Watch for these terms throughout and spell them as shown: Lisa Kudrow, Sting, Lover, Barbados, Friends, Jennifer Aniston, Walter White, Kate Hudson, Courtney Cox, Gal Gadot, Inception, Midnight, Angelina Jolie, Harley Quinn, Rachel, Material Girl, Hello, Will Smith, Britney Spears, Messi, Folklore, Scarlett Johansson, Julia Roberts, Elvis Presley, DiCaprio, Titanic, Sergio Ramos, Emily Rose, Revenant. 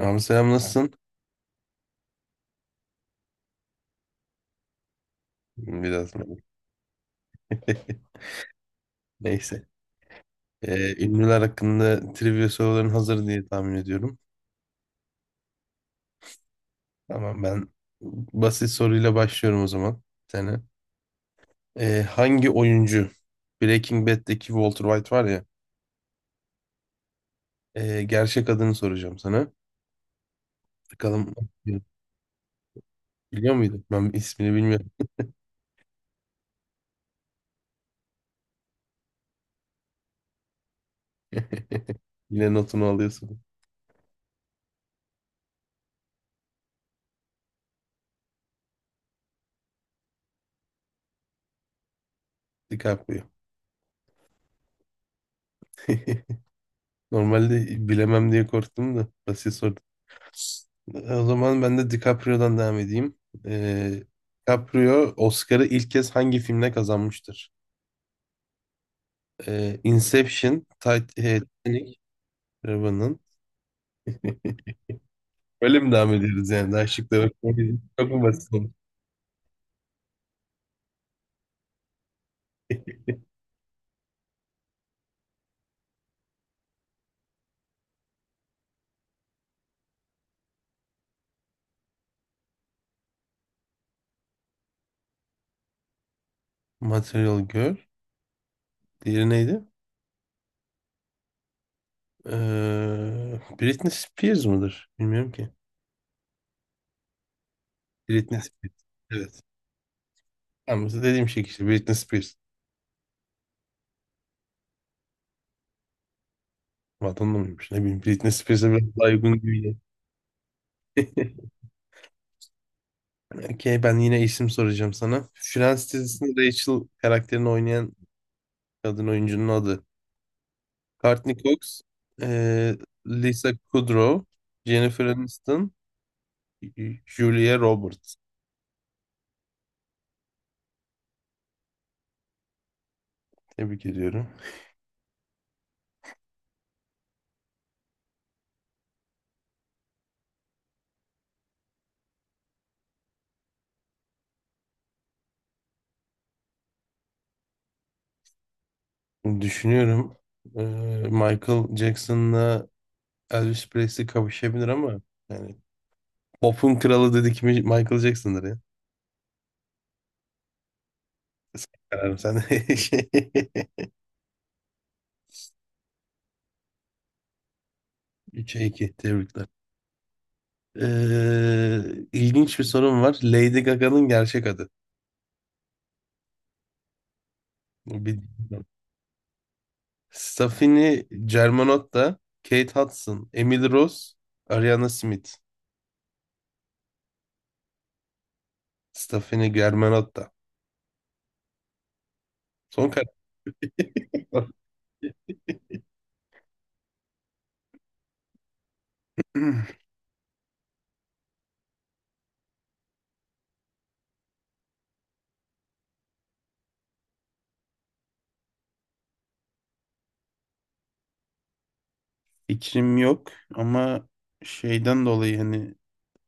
Abi selam nasılsın? Hmm, biraz. Neyse. Ünlüler hakkında trivia soruların hazır diye tahmin ediyorum. Tamam, ben basit soruyla başlıyorum o zaman. Sana. Hangi oyuncu, Breaking Bad'deki Walter White var ya, gerçek adını soracağım sana. Bakalım biliyor muydun? Ben ismini bilmiyorum. Yine notunu alıyorsun. DiCaprio. Normalde bilemem diye korktum da, basit soru. O zaman ben de DiCaprio'dan devam edeyim. Ee, DiCaprio Oscar'ı ilk kez hangi filmle kazanmıştır? Inception, Titanic, Revenant. Öyle mi devam ediyoruz yani? Daha şık da yok. Çok mu basit oldu? Material Girl. Diğeri neydi? Britney Spears mıdır? Bilmiyorum ki. Britney Spears. Evet. Ama dediğim şey işte Britney Spears. Vatandaş mıymış? Ne bileyim, Britney Spears'e biraz daha uygun gibi. Okey, ben yine isim soracağım sana. Friends dizisinde Rachel karakterini oynayan kadın oyuncunun adı. Courtney Cox, eee, Lisa Kudrow, Jennifer Aniston, Julia Roberts. Tebrik ediyorum. Şimdi düşünüyorum, eee, Michael Jackson'la Elvis Presley kavuşabilir ama yani pop'un kralı dedik mi Michael Jackson'dır ya. Kararım sen de. 3-2, tebrikler. Ee, ilginç bir sorum var. Lady Gaga'nın gerçek adı. Bu bir... Stephanie Germanotta, Kate Hudson, Emily Rose, Ariana Smith. Stephanie Germanotta. Son karar. Fikrim yok ama şeyden dolayı, hani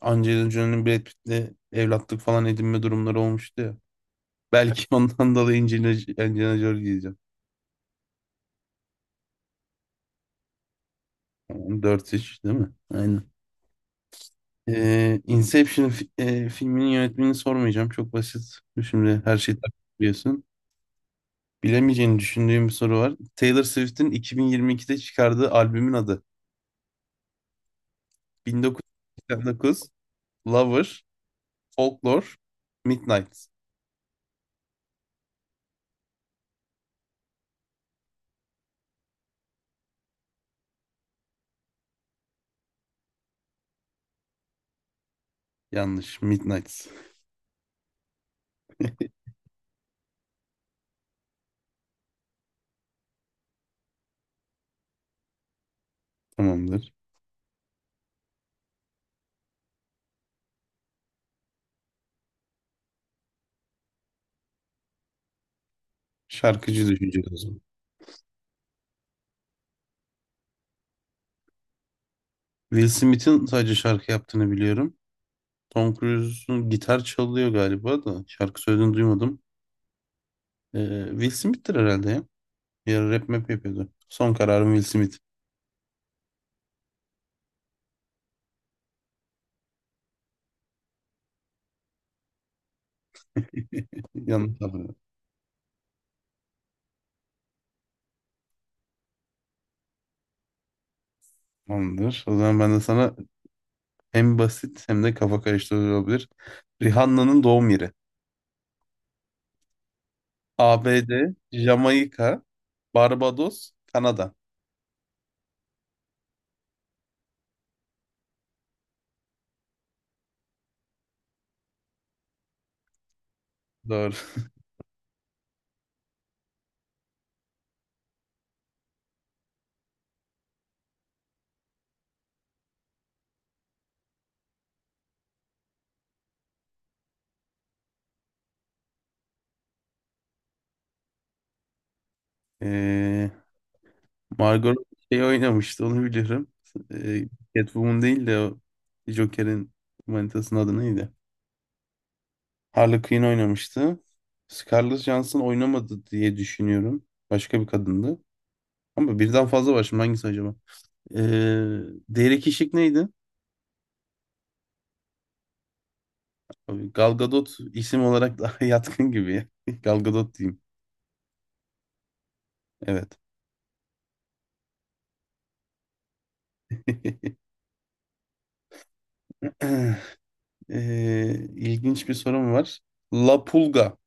Angelina Jolie'nin Brad Pitt'le evlatlık falan edinme durumları olmuştu ya. Belki ondan dolayı Angelina Jolie diyeceğim. Yani 4-3, değil mi? Aynen. Inception filminin yönetmenini sormayacağım. Çok basit. Şimdi her şeyi takip ediyorsun. Bilemeyeceğini düşündüğüm bir soru var. Taylor Swift'in 2022'de çıkardığı albümün adı. 1989, Lover, Folklore, Midnight. Yanlış. Midnight. Tamamdır. Şarkıcı düşüneceğiz o zaman. Will Smith'in sadece şarkı yaptığını biliyorum. Tom Cruise'un gitar çalıyor galiba da. Şarkı söylediğini duymadım. Will Smith'tir herhalde ya. Bir ara rap map yapıyordu. Son kararım Will Smith. Yanlış hatırlıyorum. Tamamdır. O zaman ben de sana, hem basit hem de kafa karıştırıcı olabilir. Rihanna'nın doğum yeri. ABD, Jamaika, Barbados, Kanada. Doğru. Ee, Margot şey oynamıştı, onu biliyorum. Ee, Catwoman değil de o, Joker'in manitasının adı neydi? Harley Quinn oynamıştı. Scarlett Johansson oynamadı diye düşünüyorum. Başka bir kadındı. Ama birden fazla var, şimdi hangisi acaba? Ee, Derek Işık neydi? Tabii Gal Gadot isim olarak daha yatkın gibi ya. Gal Gadot diyeyim. Evet. İlginç bir sorum var. La Pulga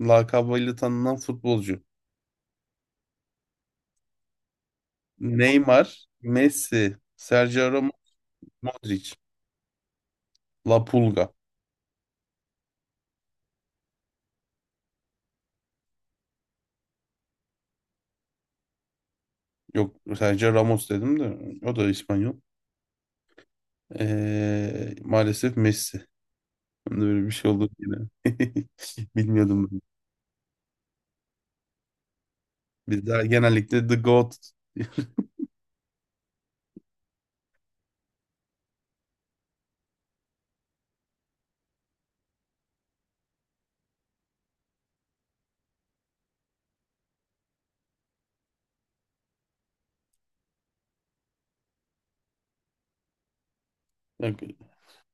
lakabıyla tanınan futbolcu. Neymar, Messi, Sergio Ramos, Modric. La Pulga. Yok, Sergio Ramos dedim de, o da İspanyol. Maalesef Messi. Ben de böyle bir şey oldu yine. Bilmiyordum. Bizler genellikle The Goat. Bak,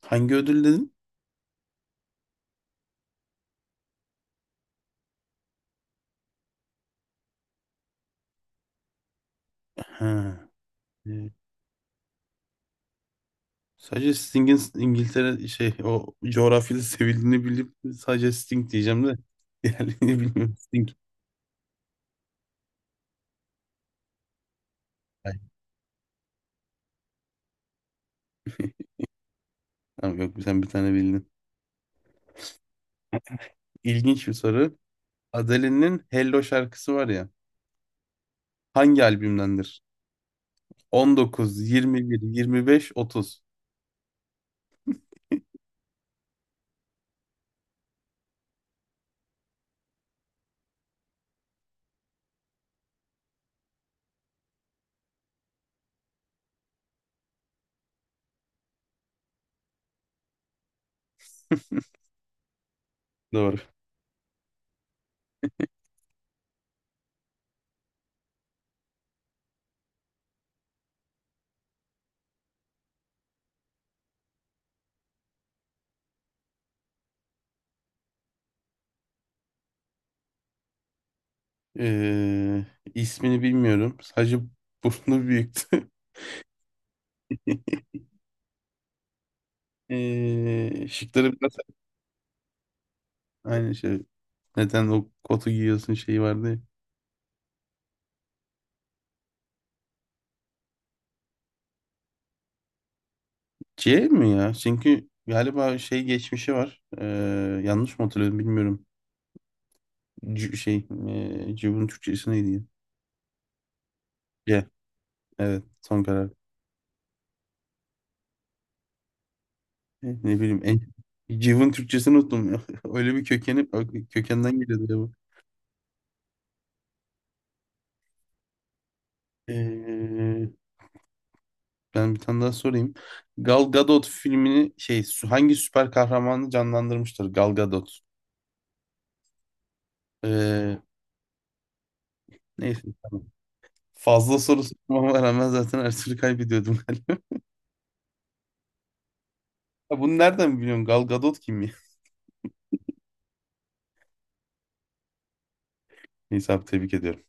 hangi ödül dedin? Ha. e, Sadece Sting'in İngiltere şey, o coğrafyada sevildiğini bilip sadece Sting diyeceğim de diğerlerini bilmiyorum. Sting. Ay. Tamam, yok, sen bir tane bildin. İlginç bir soru. Adele'nin Hello şarkısı var ya. Hangi albümdendir? 19, 21, 25, 30. Doğru. Ee, ismini bilmiyorum. Sadece burnu büyüktü. Şıkları biraz aynı şey. Neden o kotu giyiyorsun şeyi vardı ya. C mi ya? Çünkü galiba şey geçmişi var. Yanlış mı hatırlıyorum bilmiyorum. C şey, Cıv'ın Türkçesi neydi ya? C. Evet, son karar. Ne bileyim. En... Cıv'ın Türkçesini unuttum ya. Öyle bir kökenden geliyordu ya bu. Ee, Ben bir tane daha sorayım. Gal Gadot filmini şey hangi süper kahramanı canlandırmıştır Gal Gadot? Ee, Neyse tamam. Fazla soru sormama rağmen zaten her türlü kaybediyordum galiba. Ya bunu nereden biliyorsun? Gal Gadot kim ya? Neyse abi, tebrik ediyorum.